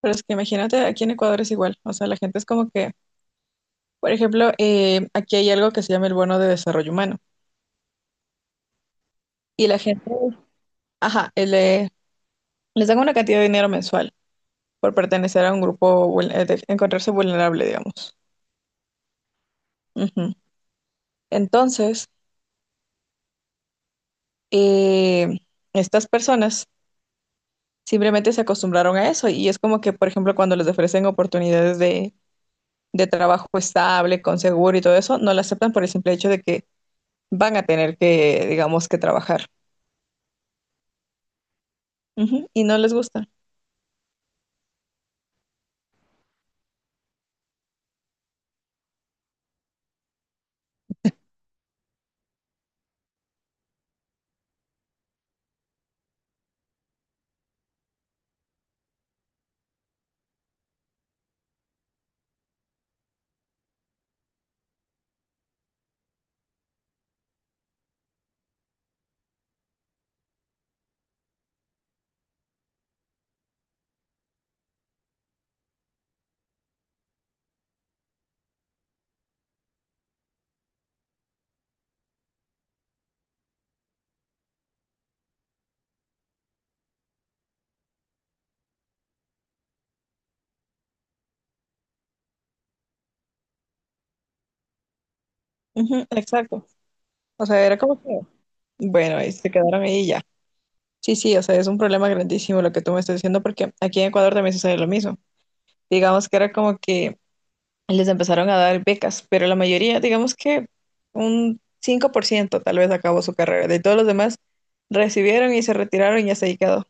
Pero es que imagínate, aquí en Ecuador es igual. O sea, la gente es como que, por ejemplo, aquí hay algo que se llama el bono de desarrollo humano. Y la gente, ajá, les dan una cantidad de dinero mensual por pertenecer a un grupo, de encontrarse vulnerable, digamos. Ujú. Entonces, eh, estas personas simplemente se acostumbraron a eso. Y es como que, por ejemplo, cuando les ofrecen oportunidades de trabajo estable, con seguro y todo eso, no la aceptan por el simple hecho de que van a tener que, digamos, que trabajar. Ujú. Y no les gusta. Ujú. Exacto. O sea, era como que, bueno, ahí se quedaron ahí y ya. Sí, sí, o sea, es un problema grandísimo lo que tú me estás diciendo porque aquí en Ecuador también sucede lo mismo. Digamos que era como que les empezaron a dar becas, pero la mayoría, digamos que un 5% tal vez acabó su carrera. De todos los demás recibieron y se retiraron y hasta ahí quedó.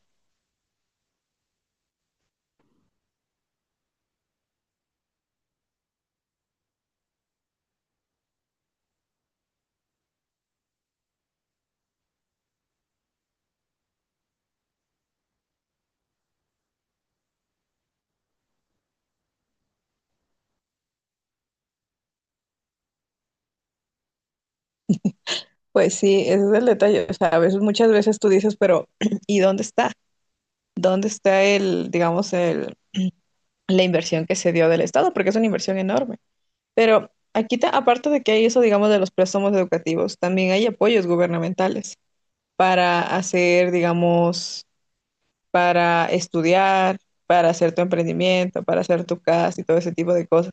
Pues sí, ese es el detalle. O sea, a veces, muchas veces tú dices, pero ¿y dónde está? ¿Dónde está el, digamos, la inversión que se dio del Estado? Porque es una inversión enorme. Pero aquí, aparte de que hay eso, digamos, de los préstamos educativos, también hay apoyos gubernamentales para hacer, digamos, para estudiar, para hacer tu emprendimiento, para hacer tu casa y todo ese tipo de cosas.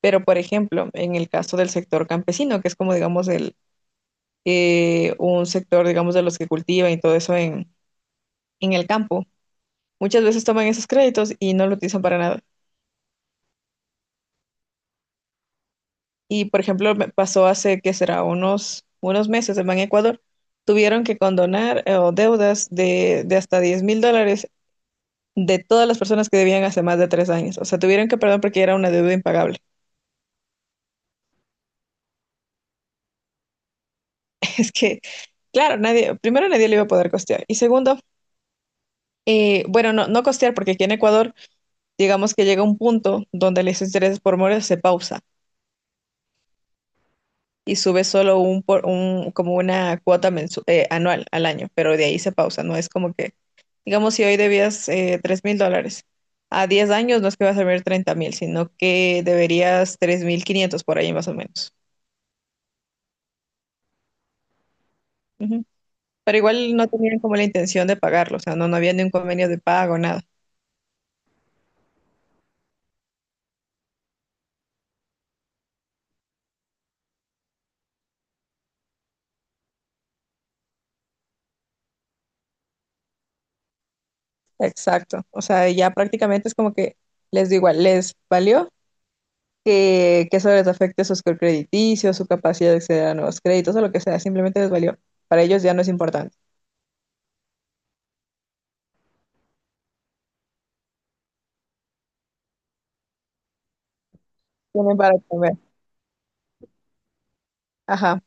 Pero, por ejemplo, en el caso del sector campesino, que es como, digamos, un sector, digamos, de los que cultivan y todo eso en el campo, muchas veces toman esos créditos y no lo utilizan para nada. Y por ejemplo, me pasó hace que será unos meses en Ban Ecuador, tuvieron que condonar o deudas de hasta $10,000 de todas las personas que debían hace más de 3 años. O sea, tuvieron que perdón porque era una deuda impagable. Es que, claro, nadie, primero nadie le iba a poder costear. Y segundo, bueno, no, no costear porque aquí en Ecuador, digamos que llega un punto donde los intereses por mora se pausan. Y sube solo un como una cuota anual al año, pero de ahí se pausa, no es como que, digamos, si hoy debías $3,000, a 10 años no es que vas a ver 30,000, sino que deberías 3,500 por ahí más o menos. Ujú. Pero igual no tenían como la intención de pagarlo, o sea, no, no había ni un convenio de pago, nada. Exacto, o sea, ya prácticamente es como que les digo igual, les valió que eso les afecte su score crediticio, su capacidad de acceder a nuevos créditos o lo que sea, simplemente les valió. Para ellos ya no es importante. Tienen para comer. Ajá.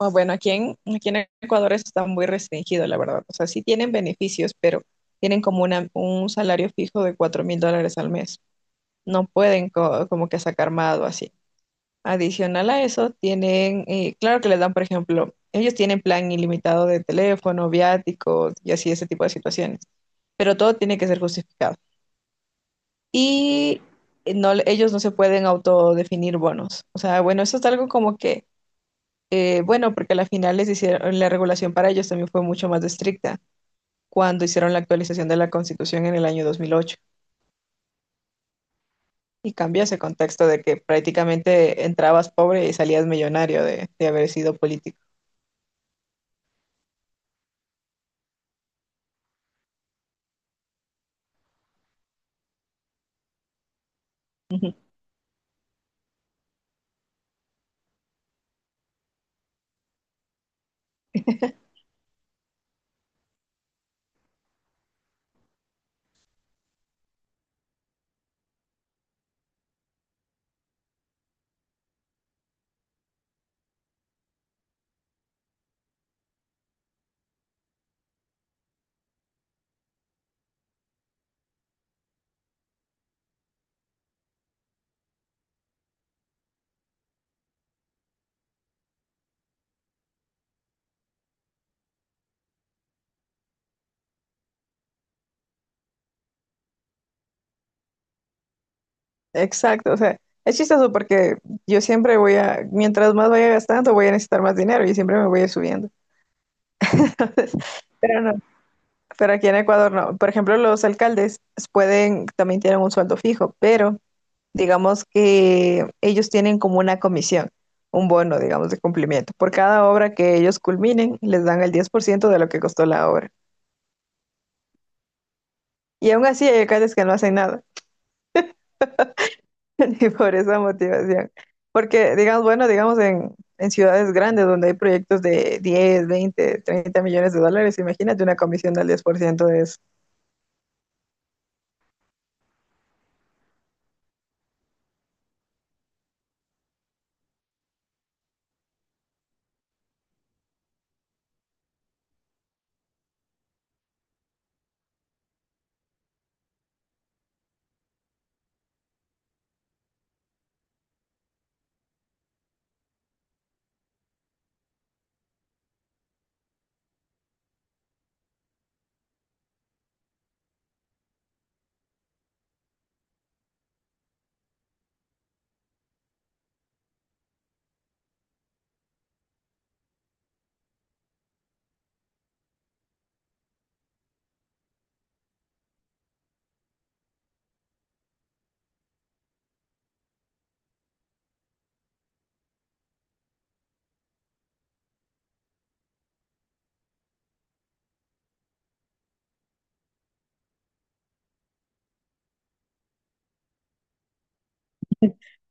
Ah, bueno, aquí en Ecuador eso está muy restringido, la verdad. O sea, sí tienen beneficios, pero tienen como un salario fijo de $4,000 al mes. No pueden como que sacar más o así. Adicional a eso, tienen, claro que les dan, por ejemplo, ellos tienen plan ilimitado de teléfono, viáticos y así ese tipo de situaciones, pero todo tiene que ser justificado. Y no, ellos no se pueden autodefinir bonos. O sea, bueno, eso es algo como que, bueno, porque a la final les hicieron, la regulación para ellos también fue mucho más estricta cuando hicieron la actualización de la Constitución en el año 2008. Y cambió ese contexto de que prácticamente entrabas pobre y salías millonario de haber sido político. Exacto, o sea, es chistoso porque yo siempre voy a, mientras más vaya gastando, voy a necesitar más dinero y siempre me voy a ir subiendo. Pero no, pero aquí en Ecuador no. Por ejemplo, los alcaldes pueden, también tienen un sueldo fijo, pero digamos que ellos tienen como una comisión, un bono, digamos, de cumplimiento. Por cada obra que ellos culminen, les dan el 10% de lo que costó la obra. Y aún así hay alcaldes que no hacen nada, ni por esa motivación. Porque, digamos, bueno, digamos en ciudades grandes donde hay proyectos de 10, 20, 30 millones de dólares, imagínate una comisión del 10% de eso.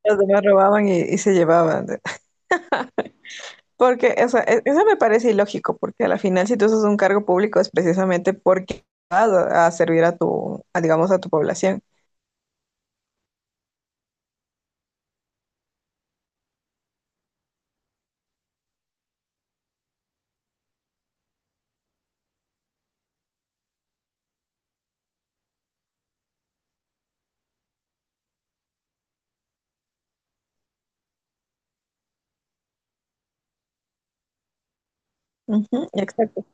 Los demás robaban y se llevaban. Porque, o sea, eso me parece ilógico, porque a la final, si tú haces un cargo público, es precisamente porque vas a servir a tu, a, digamos, a tu población. Ujú, exacto.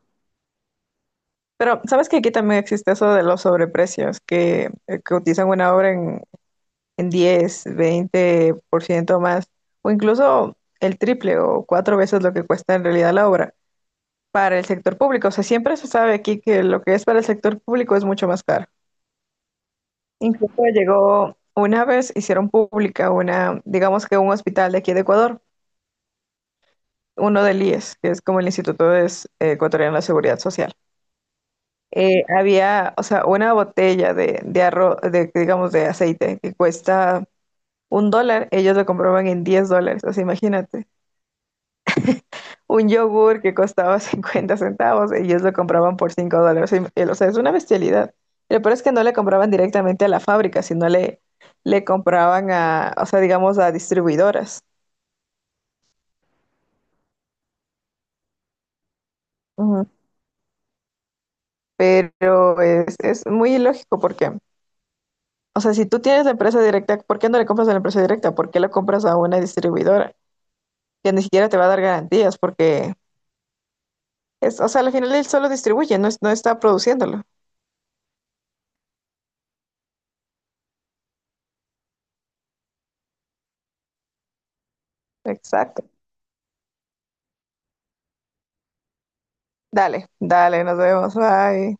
Pero, ¿sabes que aquí también existe eso de los sobreprecios, que utilizan una obra en 10, 20% más, o incluso el triple o cuatro veces lo que cuesta en realidad la obra para el sector público? O sea, siempre se sabe aquí que lo que es para el sector público es mucho más caro. Incluso llegó una vez, hicieron pública una, digamos que un hospital de aquí de Ecuador, uno del IES, que es como el Instituto de Ecuatoriano de Seguridad Social. Había, o sea, una botella de arroz, de, digamos, de aceite que cuesta $1, ellos lo compraban en $10, así imagínate. Un yogur que costaba 50 centavos, ellos lo compraban por $5. O sea, es una bestialidad. Lo peor es que no le compraban directamente a la fábrica, sino le compraban a, o sea, digamos, a distribuidoras. Ujú. Pero es muy ilógico porque, o sea, si tú tienes la empresa directa, ¿por qué no le compras a la empresa directa? ¿Por qué la compras a una distribuidora? Que ni siquiera te va a dar garantías porque, es, o sea, al final él solo distribuye, no, no está produciéndolo. Exacto. Dale, dale, nos vemos. Bye.